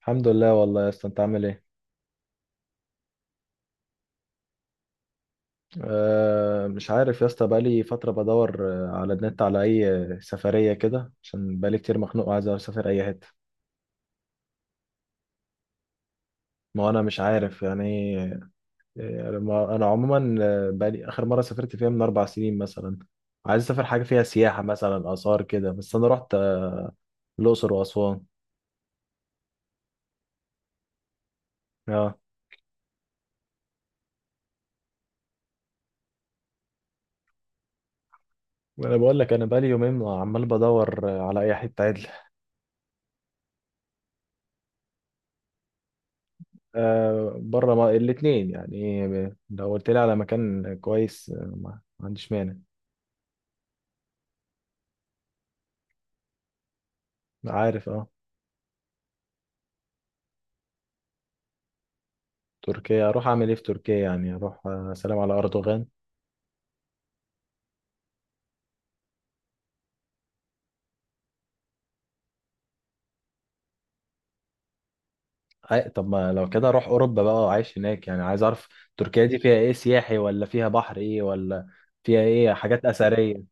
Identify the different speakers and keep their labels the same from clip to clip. Speaker 1: الحمد لله، والله يا اسطى، انت عامل ايه؟ مش عارف يا اسطى، بقالي فتره بدور على النت على اي، سفريه كده، عشان بقالي كتير مخنوق وعايز اسافر اي حته. ما انا مش عارف يعني. انا عموما بقالي اخر مره سافرت فيها من اربع سنين مثلا. عايز اسافر حاجه فيها سياحه، مثلا اثار كده، بس انا رحت الاقصر واسوان. اه، وانا بقول لك انا بقالي يومين عمال بدور على اي حته. آه بره، ما... الاثنين يعني، لو قلت لي على مكان كويس ما عنديش مانع. عارف، اه. تركيا اروح اعمل ايه في تركيا يعني؟ اروح سلام على اردوغان؟ أي... طب ما لو كده اروح اوروبا، بقى عايش هناك يعني، عايز اعرف. تركيا دي فيها ايه سياحي، ولا فيها بحر، ايه ولا؟ فيها ايه، حاجات اثريه؟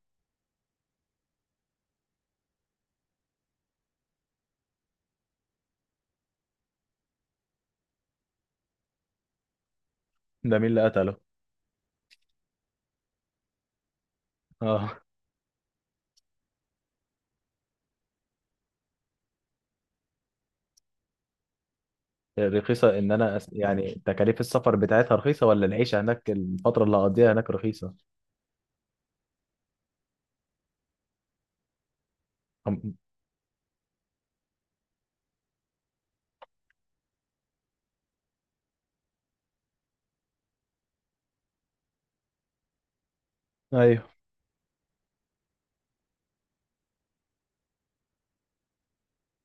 Speaker 1: ده مين اللي قتله؟ اه. رخيصه؟ ان انا يعني تكاليف السفر بتاعتها رخيصه، ولا العيشه هناك الفتره اللي هقضيها هناك رخيصه؟ أم- ايوه.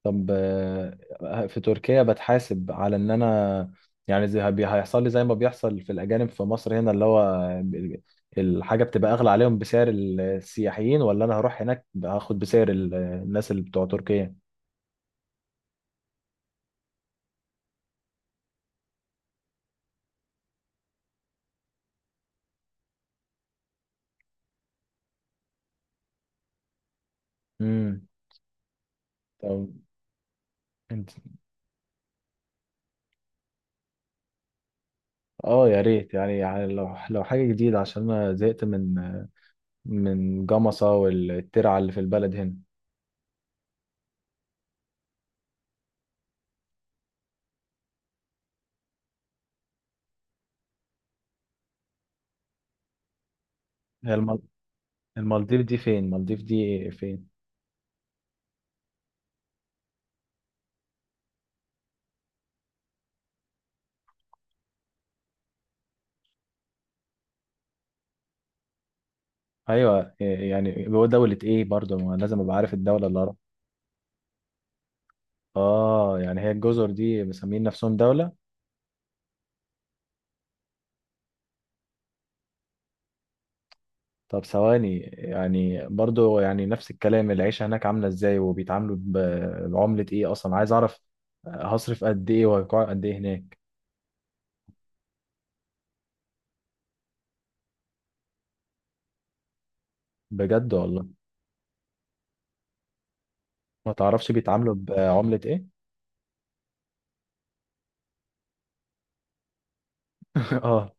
Speaker 1: طب في تركيا بتحاسب على ان انا، يعني زي هيحصل لي زي ما بيحصل في الاجانب في مصر هنا، اللي هو الحاجه بتبقى اغلى عليهم بسعر السياحيين، ولا انا هروح هناك هاخد بسعر الناس اللي بتوع تركيا؟ امم طب انت، اه يا ريت يعني، يعني لو حاجه جديده، عشان انا زهقت من جمصه والترعه اللي في البلد هنا. هي المال- المالديف دي فين؟ المالديف دي فين؟ ايوه، إيه يعني، هو دولة ايه؟ برضه ما لازم ابقى عارف الدولة اللي اروح. اه، يعني هي الجزر دي مسمين نفسهم دولة؟ طب ثواني، يعني برضه، يعني نفس الكلام، العيشة هناك عاملة ازاي؟ وبيتعاملوا بعملة ايه اصلا؟ عايز اعرف هصرف قد ايه، وهقعد قد ايه هناك. بجد والله. ما تعرفش بيتعاملوا بعملة ايه؟ اه.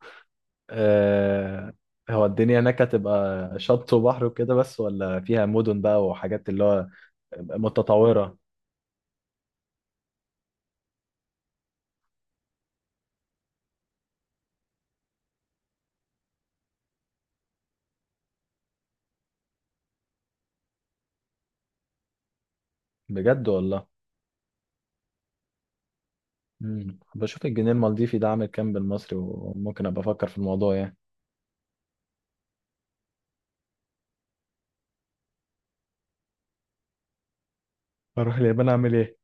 Speaker 1: آه، هو الدنيا هناك هتبقى شط وبحر وكده بس، ولا فيها مدن بقى وحاجات اللي هو متطورة؟ بجد والله. مم. بشوف الجنيه المالديفي ده عامل كام بالمصري، وممكن ابقى افكر في الموضوع يعني. اروح اليابان اعمل ايه؟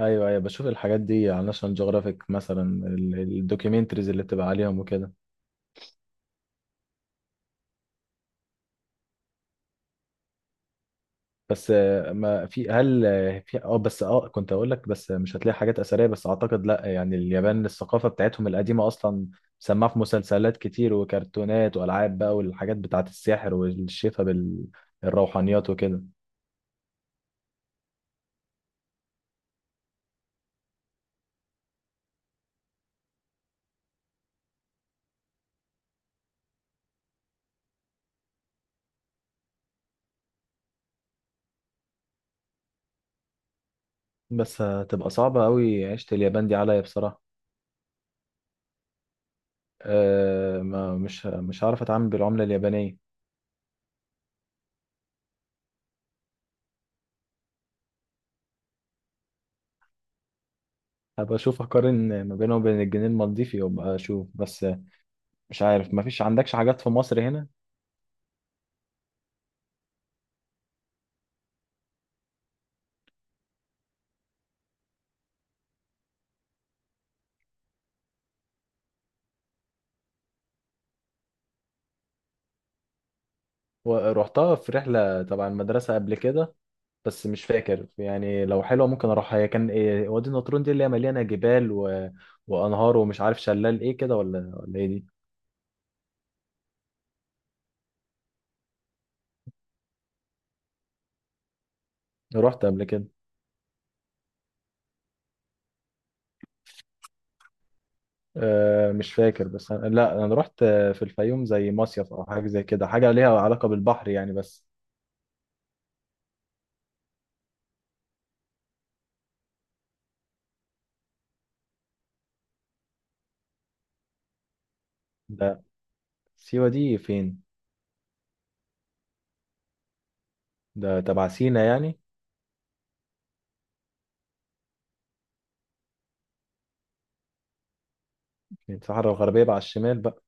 Speaker 1: ايوه، ايوه، بشوف الحاجات دي على ناشونال جيوغرافيك مثلا، الدوكيومنتريز اللي بتبقى عليهم وكده. بس آه، ما في هل آه، في اه بس اه كنت اقول لك، بس مش هتلاقي حاجات اثريه، بس اعتقد لا، يعني اليابان الثقافه بتاعتهم القديمه اصلا سماها في مسلسلات كتير وكرتونات والعاب بقى، والحاجات بتاعت السحر والشفا بالروحانيات وكده. بس هتبقى صعبه قوي عيشه اليابان دي عليا بصراحه. ما مش هعرف اتعامل بالعملة اليابانية. هبقى اشوف اقارن ما بينه وبين الجنيه المالديفي، وابقى اشوف بس. مش عارف، ما فيش عندكش حاجات في مصر هنا؟ ورحتها في رحلة تبع المدرسة قبل كده، بس مش فاكر. يعني لو حلوة ممكن اروحها. هي كان إيه وادي النطرون دي، اللي هي مليانة جبال و... وانهار ومش عارف شلال ايه كده، ولا ايه دي؟ رحت قبل كده. أه مش فاكر، بس أنا... لا انا رحت في الفيوم زي مصيف او حاجة زي كده، حاجة ليها علاقة بالبحر يعني بس. ده سيوة دي فين؟ ده تبع سينا يعني؟ الصحراء الغربية بقى، على الشمال بقى.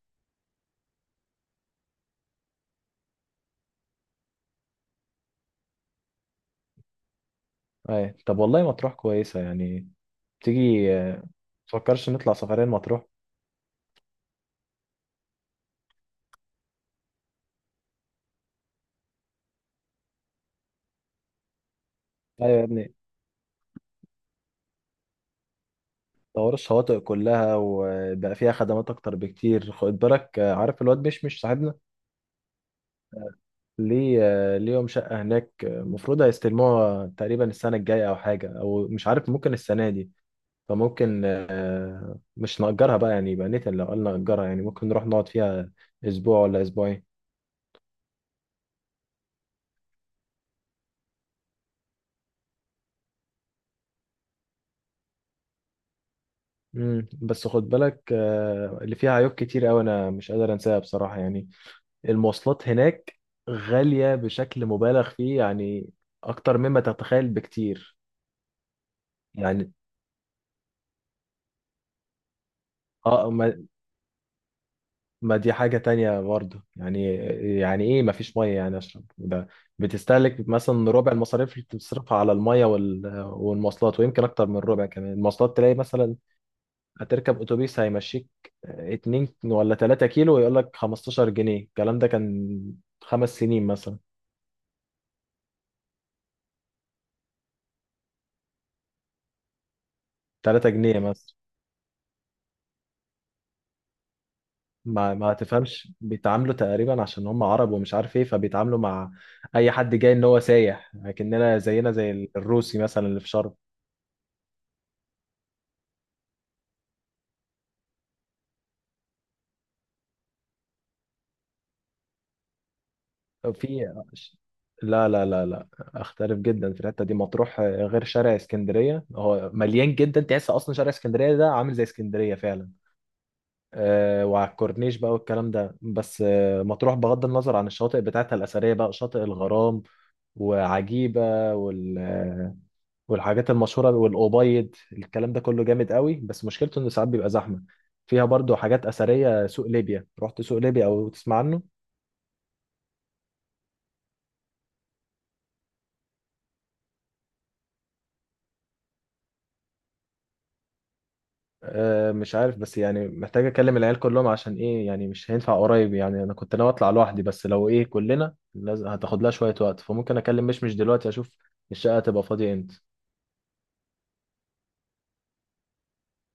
Speaker 1: أي. طب والله مطروح كويسة يعني. تيجي تفكرش نطلع سفرين مطروح؟ أيوة يا ابني. طور الشواطئ كلها، وبقى فيها خدمات أكتر بكتير. خد بالك عارف الواد مش صاحبنا؟ ليه ليهم شقة هناك، المفروض هيستلموها تقريبا السنة الجاية أو حاجة، أو مش عارف، ممكن السنة دي. فممكن مش نأجرها بقى يعني، يبقى نتن لو قلنا نأجرها يعني، ممكن نروح نقعد فيها أسبوع ولا أسبوعين. مم. بس خد بالك اللي فيها عيوب كتير قوي انا مش قادر انساها بصراحة يعني. المواصلات هناك غالية بشكل مبالغ فيه يعني، اكتر مما تتخيل بكتير. يعني اه. ما دي حاجة تانية برضه يعني. يعني ايه ما فيش مية يعني اشرب ده؟ بتستهلك مثلا ربع المصاريف اللي بتصرفها على المية والمواصلات، ويمكن اكتر من ربع كمان. المواصلات تلاقي مثلا هتركب اتوبيس هيمشيك اتنين ولا تلاتة كيلو ويقول لك 15 جنيه. الكلام ده كان خمس سنين مثلا. تلاتة جنيه مثلا. ما تفهمش، بيتعاملوا تقريبا عشان هم عرب ومش عارف ايه، فبيتعاملوا مع اي حد جاي ان هو سايح، لكننا زينا زي الروسي مثلا اللي في شرم. في... لا لا لا لا، اختلف جدا في الحته دي. مطروح غير، شارع اسكندريه هو مليان جدا، تحس اصلا شارع اسكندريه ده عامل زي اسكندريه فعلا. وعلى الكورنيش بقى والكلام ده، بس مطروح بغض النظر عن الشواطئ بتاعتها الأثرية بقى، شاطئ الغرام وعجيبة والحاجات المشهورة والأوبايد، الكلام ده كله جامد قوي، بس مشكلته إنه ساعات بيبقى زحمة. فيها برضو حاجات أثرية، سوق ليبيا، رحت سوق ليبيا أو تسمع عنه؟ مش عارف، بس يعني محتاج أكلم العيال كلهم. عشان إيه يعني؟ مش هينفع قريب يعني، أنا كنت ناوي أطلع لوحدي، بس لو إيه كلنا لازم هتاخد لها شوية وقت، فممكن أكلم مش دلوقتي، أشوف الشقة هتبقى فاضية إمتى.